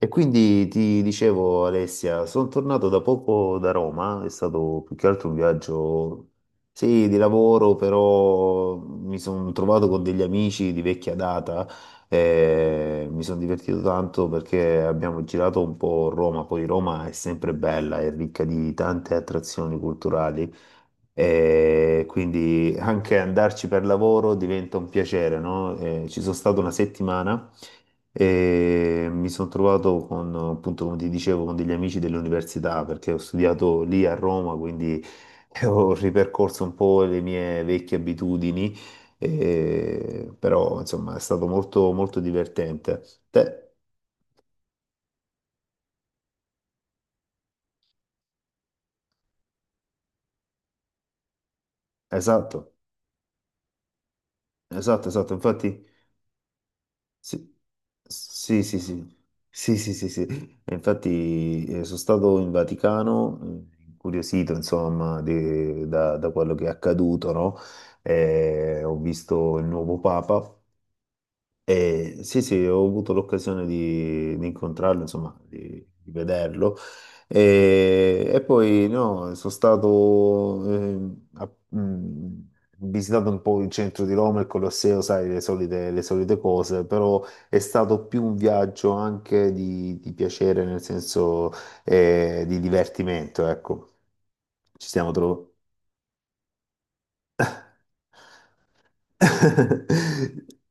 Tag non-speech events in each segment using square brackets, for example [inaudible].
E quindi ti dicevo, Alessia, sono tornato da poco da Roma, è stato più che altro un viaggio, sì, di lavoro, però mi sono trovato con degli amici di vecchia data e mi sono divertito tanto perché abbiamo girato un po' Roma, poi Roma è sempre bella, è ricca di tante attrazioni culturali e quindi anche andarci per lavoro diventa un piacere, no? Ci sono stato una settimana e mi sono trovato con, appunto, come ti dicevo, con degli amici dell'università perché ho studiato lì a Roma, quindi [laughs] ho ripercorso un po' le mie vecchie abitudini, però insomma è stato molto divertente. Te- esatto, esatto, esatto. Infatti. Sì, sì, sì, sì, sì, sì, sì, sì. E infatti sono stato in Vaticano, incuriosito, insomma, da quello che è accaduto, no? Ho visto il nuovo Papa e sì, sì, ho avuto l'occasione di incontrarlo, insomma, di vederlo. E poi no, sono stato, ho visitato un po' il centro di Roma, il Colosseo, sai, le solite cose, però è stato più un viaggio anche di piacere, nel senso, di divertimento, ecco. Ci stiamo trovando. [laughs]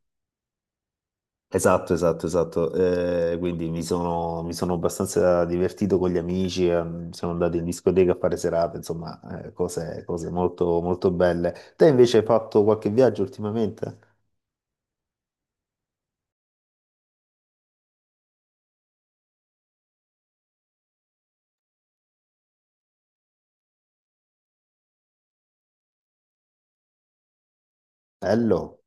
Esatto, esatto, esatto. Quindi mi sono abbastanza divertito con gli amici, siamo andati in discoteca a fare serate, insomma, cose molto belle. Te invece hai fatto qualche viaggio ultimamente? Bello.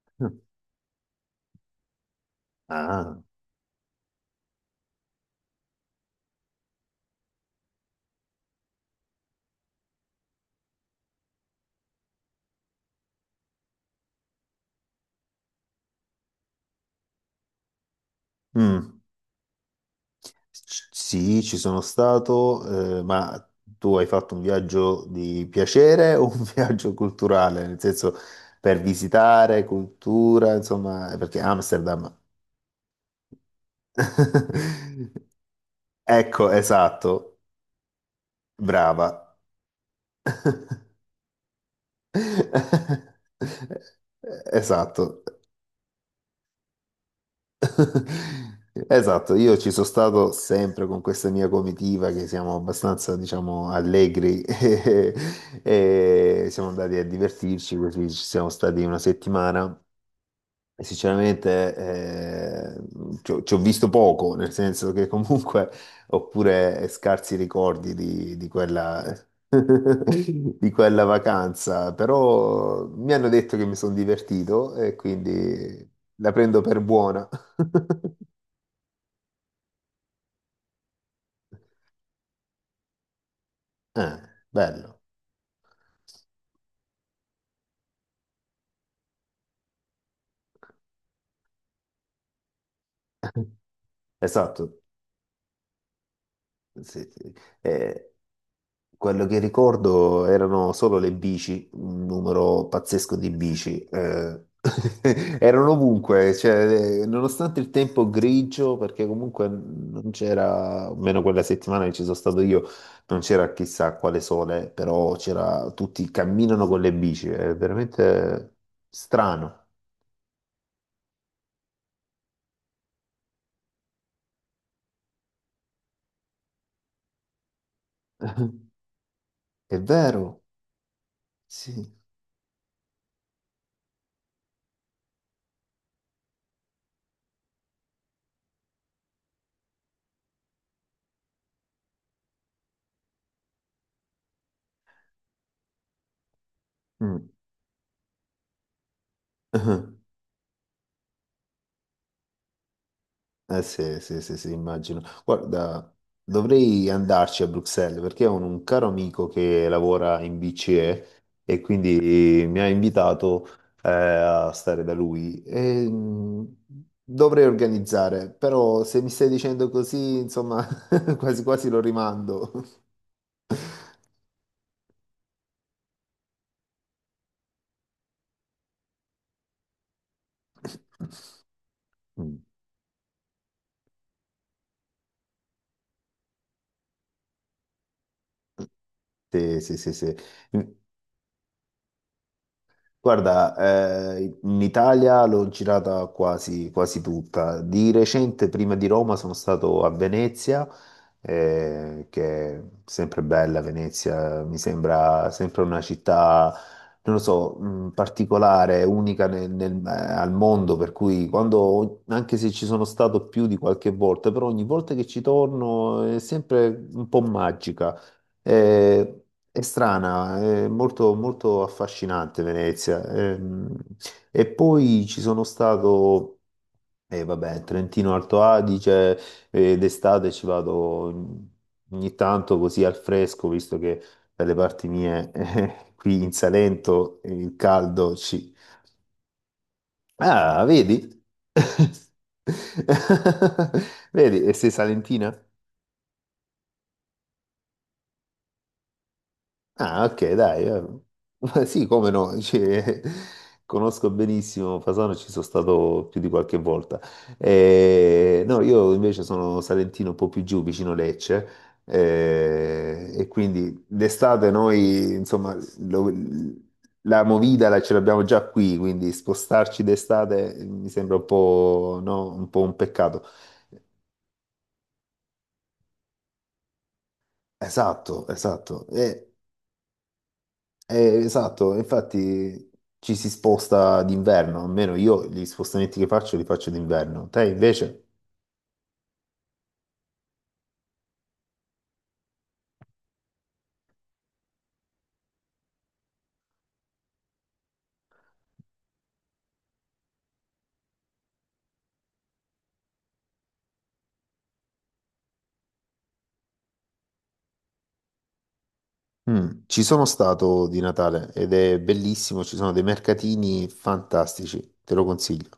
[laughs] Mm. Ah. Mm. Sì, ci sono stato, ma tu hai fatto un viaggio di piacere o un [laughs] viaggio culturale? Nel senso, per visitare cultura, insomma, perché Amsterdam... [laughs] Ecco, esatto, brava. [laughs] Esatto. Esatto, io ci sono stato sempre con questa mia comitiva che siamo abbastanza, diciamo, allegri [laughs] e siamo andati a divertirci, così ci siamo stati una settimana. E sinceramente, ci ho visto poco, nel senso che comunque ho pure scarsi ricordi [laughs] di quella vacanza, però mi hanno detto che mi sono divertito e quindi la prendo per buona. [laughs] Eh, bello, esatto. Sì, sì. Eh, quello che ricordo erano solo le bici, un numero pazzesco di bici. Eh. [laughs] Erano ovunque, cioè, nonostante il tempo grigio, perché comunque non c'era, almeno quella settimana che ci sono stato io, non c'era chissà quale sole, però c'era, tutti camminano con le bici, è veramente strano. [laughs] È vero, sì. Mm. [laughs] Eh sì, sì, sì, sì, immagino. Guarda, dovrei andarci a Bruxelles perché ho un caro amico che lavora in BCE e quindi mi ha invitato a stare da lui. E, dovrei organizzare, però se mi stai dicendo così, insomma, [laughs] quasi quasi lo rimando. [laughs] Mm. Sì, sì, sì, sì. Guarda, in Italia l'ho girata quasi tutta. Di recente, prima di Roma, sono stato a Venezia, che è sempre bella Venezia, mi sembra sempre una città, non lo so, particolare, unica al mondo, per cui quando, anche se ci sono stato più di qualche volta, però ogni volta che ci torno è sempre un po' magica. Eh, è strana, è molto affascinante Venezia. E poi ci sono stato, vabbè, Trentino Alto Adige, d'estate ci vado ogni tanto così al fresco, visto che dalle parti mie, [laughs] qui in Salento, il caldo ci... Ah, vedi? [laughs] Vedi, e sei salentina? Ah, ok, dai. Eh. [laughs] Ma sì, come no, [laughs] cioè, conosco benissimo Fasano, ci sono stato più di qualche volta. No, io invece sono salentino un po' più giù, vicino Lecce, e quindi d'estate noi, insomma, la movida ce l'abbiamo già qui, quindi spostarci d'estate mi sembra un po', no, un po' un peccato. Esatto, esatto. E eh, esatto, infatti ci si sposta d'inverno, almeno io gli spostamenti che faccio li faccio d'inverno. Te invece? Mm, ci sono stato di Natale ed è bellissimo, ci sono dei mercatini fantastici, te lo consiglio.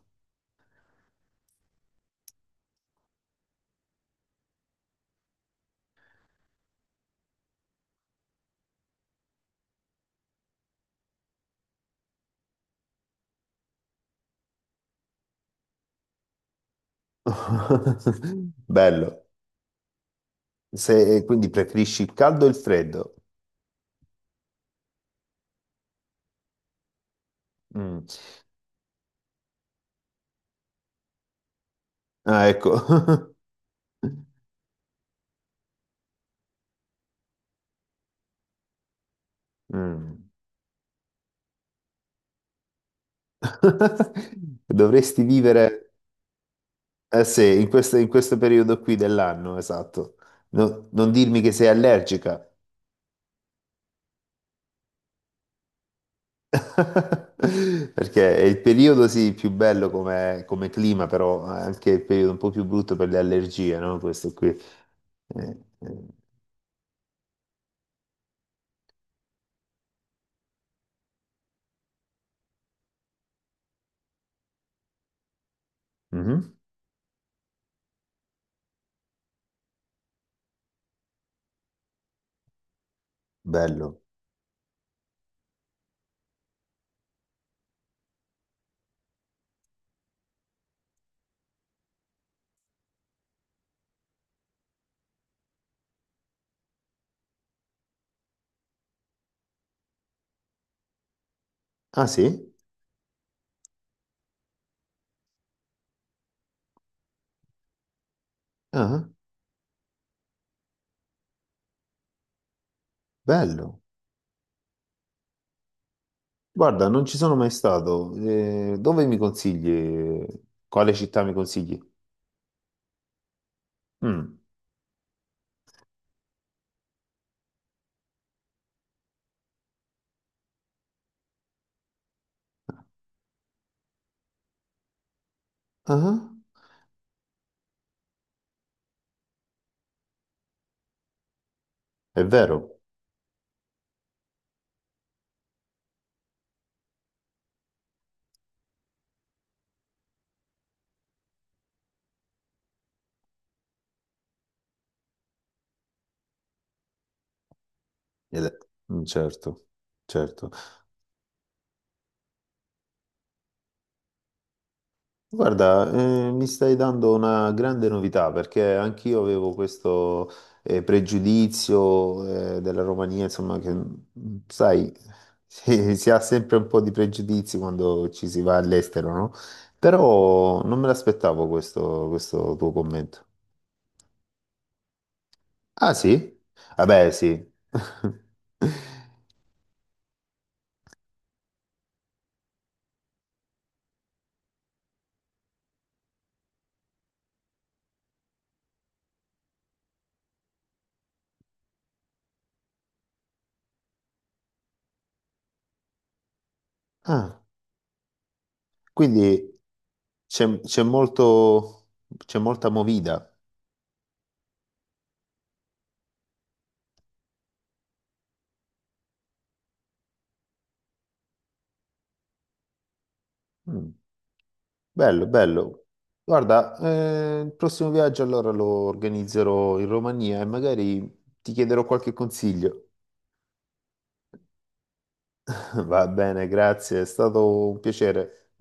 [laughs] Bello. Se, quindi preferisci il caldo o il freddo? Mm. Ah, ecco. [laughs] Mm. [laughs] Dovresti vivere, eh sì, in questo periodo qui dell'anno, esatto. Non dirmi che sei allergica, [laughs] perché è il periodo sì più bello come, come clima, però è anche il periodo un po' più brutto per le allergie, no? Questo qui. Eh. Mhm. Bello. Ah sì? Ah, bello. Guarda, non ci sono mai stato. Dove mi consigli? Quale città mi consigli? Mm. Ah, è vero. Ed è- Certo, certo. Guarda, mi stai dando una grande novità perché anch'io avevo questo pregiudizio della Romania, insomma, che mm, sai, [laughs] si ha sempre un po' di pregiudizi quando ci si va all'estero, no? Però non me l'aspettavo questo tuo commento. Ah sì? Vabbè, sì. [laughs] Ah, quindi c'è c'è molto, c'è molta movida. Mm. Bello, bello. Guarda, il prossimo viaggio allora lo organizzerò in Romania e magari ti chiederò qualche consiglio. [laughs] Va bene, grazie, è stato un piacere.